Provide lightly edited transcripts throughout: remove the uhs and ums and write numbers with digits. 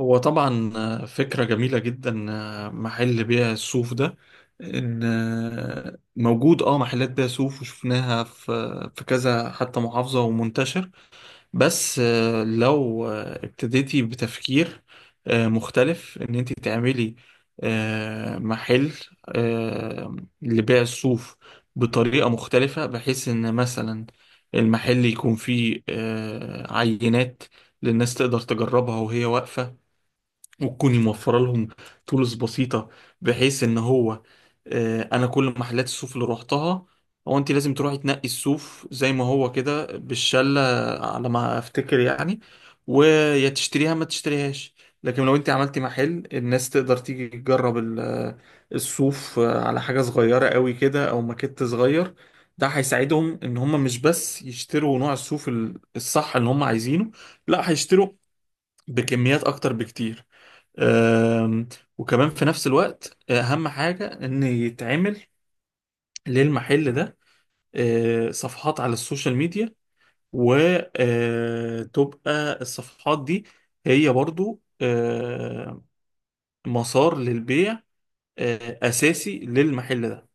هو طبعا فكرة جميلة جدا، محل بيع الصوف ده ان آه، موجود. اه محلات بيع صوف وشفناها في كذا حتى محافظة ومنتشر. بس لو ابتديتي بتفكير مختلف، ان انت تعملي محل آه، لبيع الصوف بطريقة مختلفة، بحيث ان مثلا المحل يكون فيه عينات للناس تقدر تجربها وهي واقفة، وتكوني موفرة لهم تولز بسيطة، بحيث ان هو انا كل محلات الصوف اللي روحتها، هو انت لازم تروحي تنقي الصوف زي ما هو كده بالشلة على ما افتكر يعني، ويا تشتريها ما تشتريهاش. لكن لو انت عملتي محل الناس تقدر تيجي تجرب الصوف على حاجة صغيرة قوي كده او ماكيت صغير، ده هيساعدهم ان هم مش بس يشتروا نوع الصوف الصح اللي هم عايزينه، لا هيشتروا بكميات اكتر بكتير. آم، وكمان في نفس الوقت اهم حاجة ان يتعمل للمحل ده صفحات على السوشيال ميديا، وتبقى الصفحات دي هي برضو مسار للبيع اساسي للمحل ده.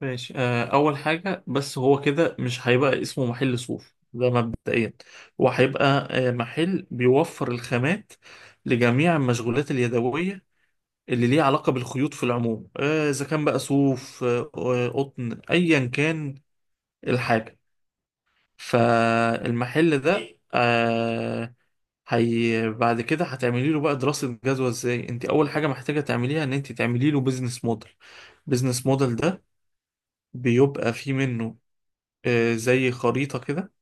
ماشي، اول حاجة بس، هو كده مش هيبقى اسمه محل صوف ده مبدئيا، وهيبقى محل بيوفر الخامات لجميع المشغولات اليدوية اللي ليه علاقة بالخيوط في العموم، إذا كان بقى صوف قطن أيا كان الحاجة. فالمحل ده هي بعد كده هتعملي له بقى دراسة جدوى. ازاي انت اول حاجة محتاجة تعمليها؟ ان انت تعملي له بيزنس موديل. بيزنس موديل ده بيبقى فيه منه زي خريطة كده.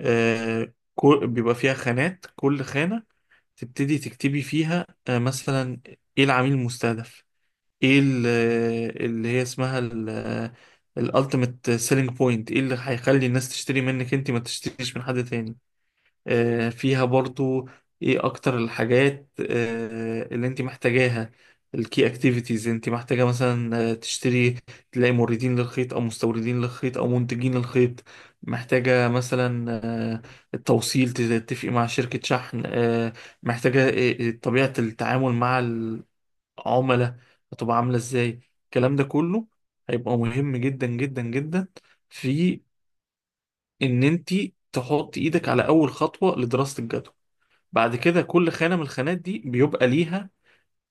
بيبقى فيها خانات، كل خانة تبتدي تكتبي فيها مثلا ايه العميل المستهدف، ايه اللي هي اسمها الالتيميت سيلينج بوينت، ايه اللي هيخلي الناس تشتري منك انت ما تشتريش من حد تاني. فيها برضو ايه اكتر الحاجات اللي انت محتاجاها. الكي اكتيفيتيز، انت محتاجة مثلا تشتري، تلاقي موردين للخيط او مستوردين للخيط او منتجين للخيط. محتاجة مثلا التوصيل، تتفقي مع شركة شحن. محتاجة طبيعة التعامل مع عملاء، هتبقى عاملة ازاي. الكلام ده كله هيبقى مهم جدا جدا جدا في ان انت تحط ايدك على اول خطوة لدراسة الجدوى. بعد كده كل خانة من الخانات دي بيبقى ليها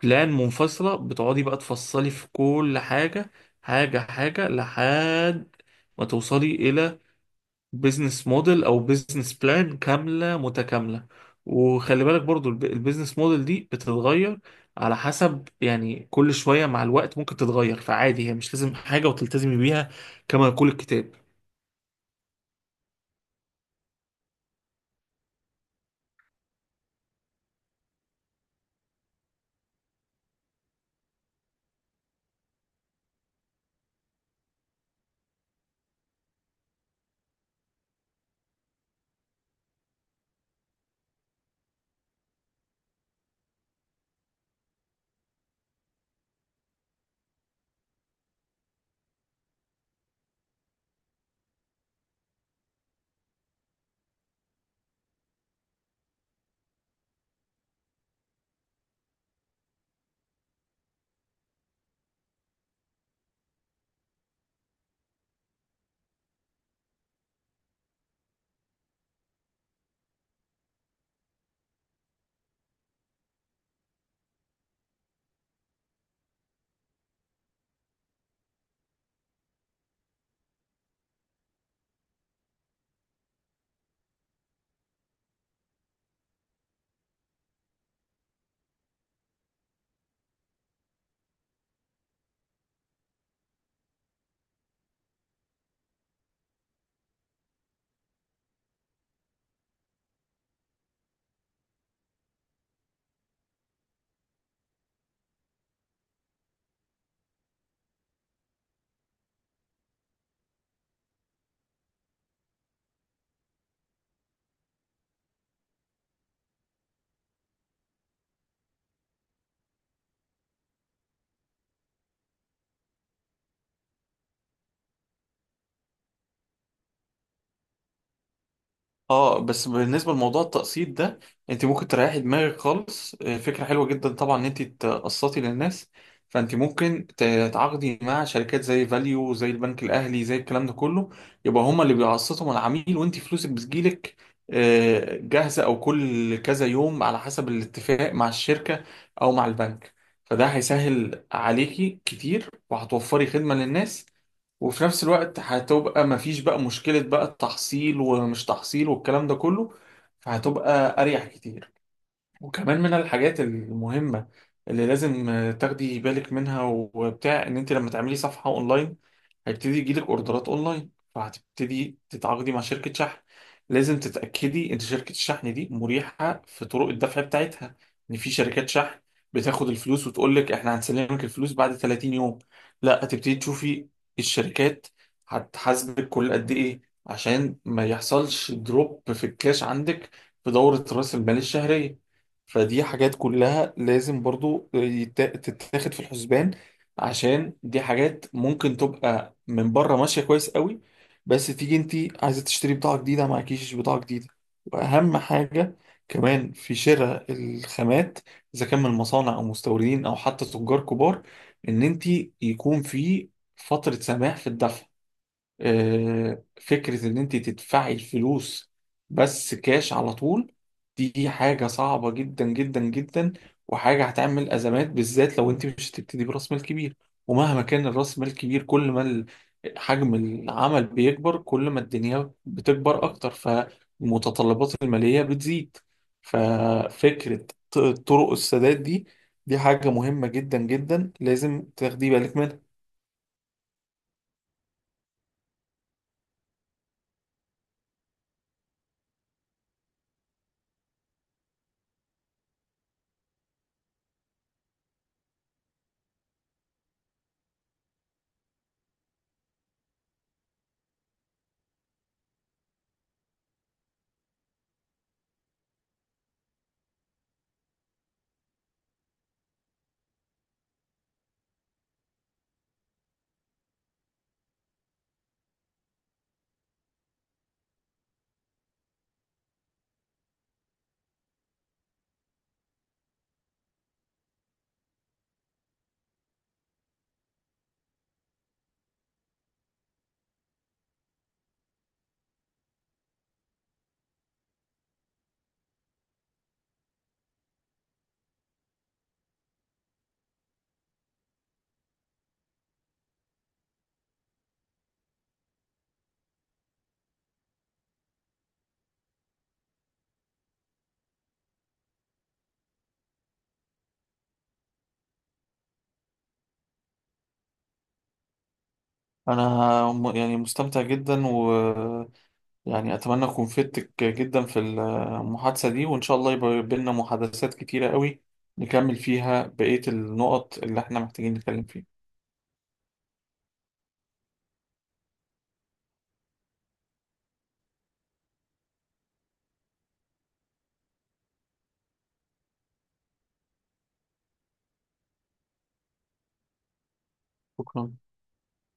بلان منفصلة، بتقعدي بقى تفصلي في كل حاجة، حاجة حاجة، لحد ما توصلي إلى بيزنس موديل او بيزنس بلان كامله متكامله. وخلي بالك برضو البيزنس موديل دي بتتغير على حسب يعني كل شويه، مع الوقت ممكن تتغير، فعادي، هي مش لازم حاجه وتلتزمي بيها كما يقول الكتاب. اه، بس بالنسبه لموضوع التقسيط ده، انت ممكن تريحي دماغك خالص. فكره حلوه جدا طبعا ان انت تقسطي للناس، فانت ممكن تتعاقدي مع شركات زي فاليو، زي البنك الاهلي، زي الكلام ده كله، يبقى هما اللي بيقسطوا مع العميل وانت فلوسك بتجيلك جاهزه، او كل كذا يوم على حسب الاتفاق مع الشركه او مع البنك. فده هيسهل عليكي كتير، وهتوفري خدمه للناس، وفي نفس الوقت هتبقى مفيش بقى مشكلة بقى التحصيل ومش تحصيل والكلام ده كله، فهتبقى أريح كتير. وكمان من الحاجات المهمة اللي لازم تاخدي بالك منها وبتاع، ان انت لما تعملي صفحة اونلاين هيبتدي يجيلك اوردرات اونلاين، فهتبتدي تتعاقدي مع شركة شحن. لازم تتأكدي ان شركة الشحن دي مريحة في طرق الدفع بتاعتها، ان في شركات شحن بتاخد الفلوس وتقول لك احنا هنسلمك الفلوس بعد 30 يوم. لا، هتبتدي تشوفي الشركات هتحاسبك كل قد ايه عشان ما يحصلش دروب في الكاش عندك في دورة رأس المال الشهرية. فدي حاجات كلها لازم برضو تتاخد في الحسبان، عشان دي حاجات ممكن تبقى من بره ماشية كويس قوي، بس تيجي انت عايزة تشتري بضاعة جديدة معكيش بضاعة جديدة. واهم حاجة كمان في شراء الخامات، اذا كان من مصانع او مستوردين او حتى تجار كبار، ان انت يكون في فترة سماح في الدفع. فكرة إن أنت تدفعي الفلوس بس كاش على طول دي حاجة صعبة جدا جدا جدا، وحاجة هتعمل أزمات، بالذات لو أنت مش هتبتدي برأس مال كبير. ومهما كان الرأس مال كبير، كل ما حجم العمل بيكبر، كل ما الدنيا بتكبر أكتر، فالمتطلبات المالية بتزيد. ففكرة طرق السداد دي، دي حاجة مهمة جدا جدا لازم تاخدي بالك منها. انا يعني مستمتع جدا، ويعني اتمنى اكون فدتك جدا في المحادثة دي، وان شاء الله يبقى بينا محادثات كتيرة قوي نكمل فيها بقية النقط اللي احنا محتاجين نتكلم فيها. شكرا.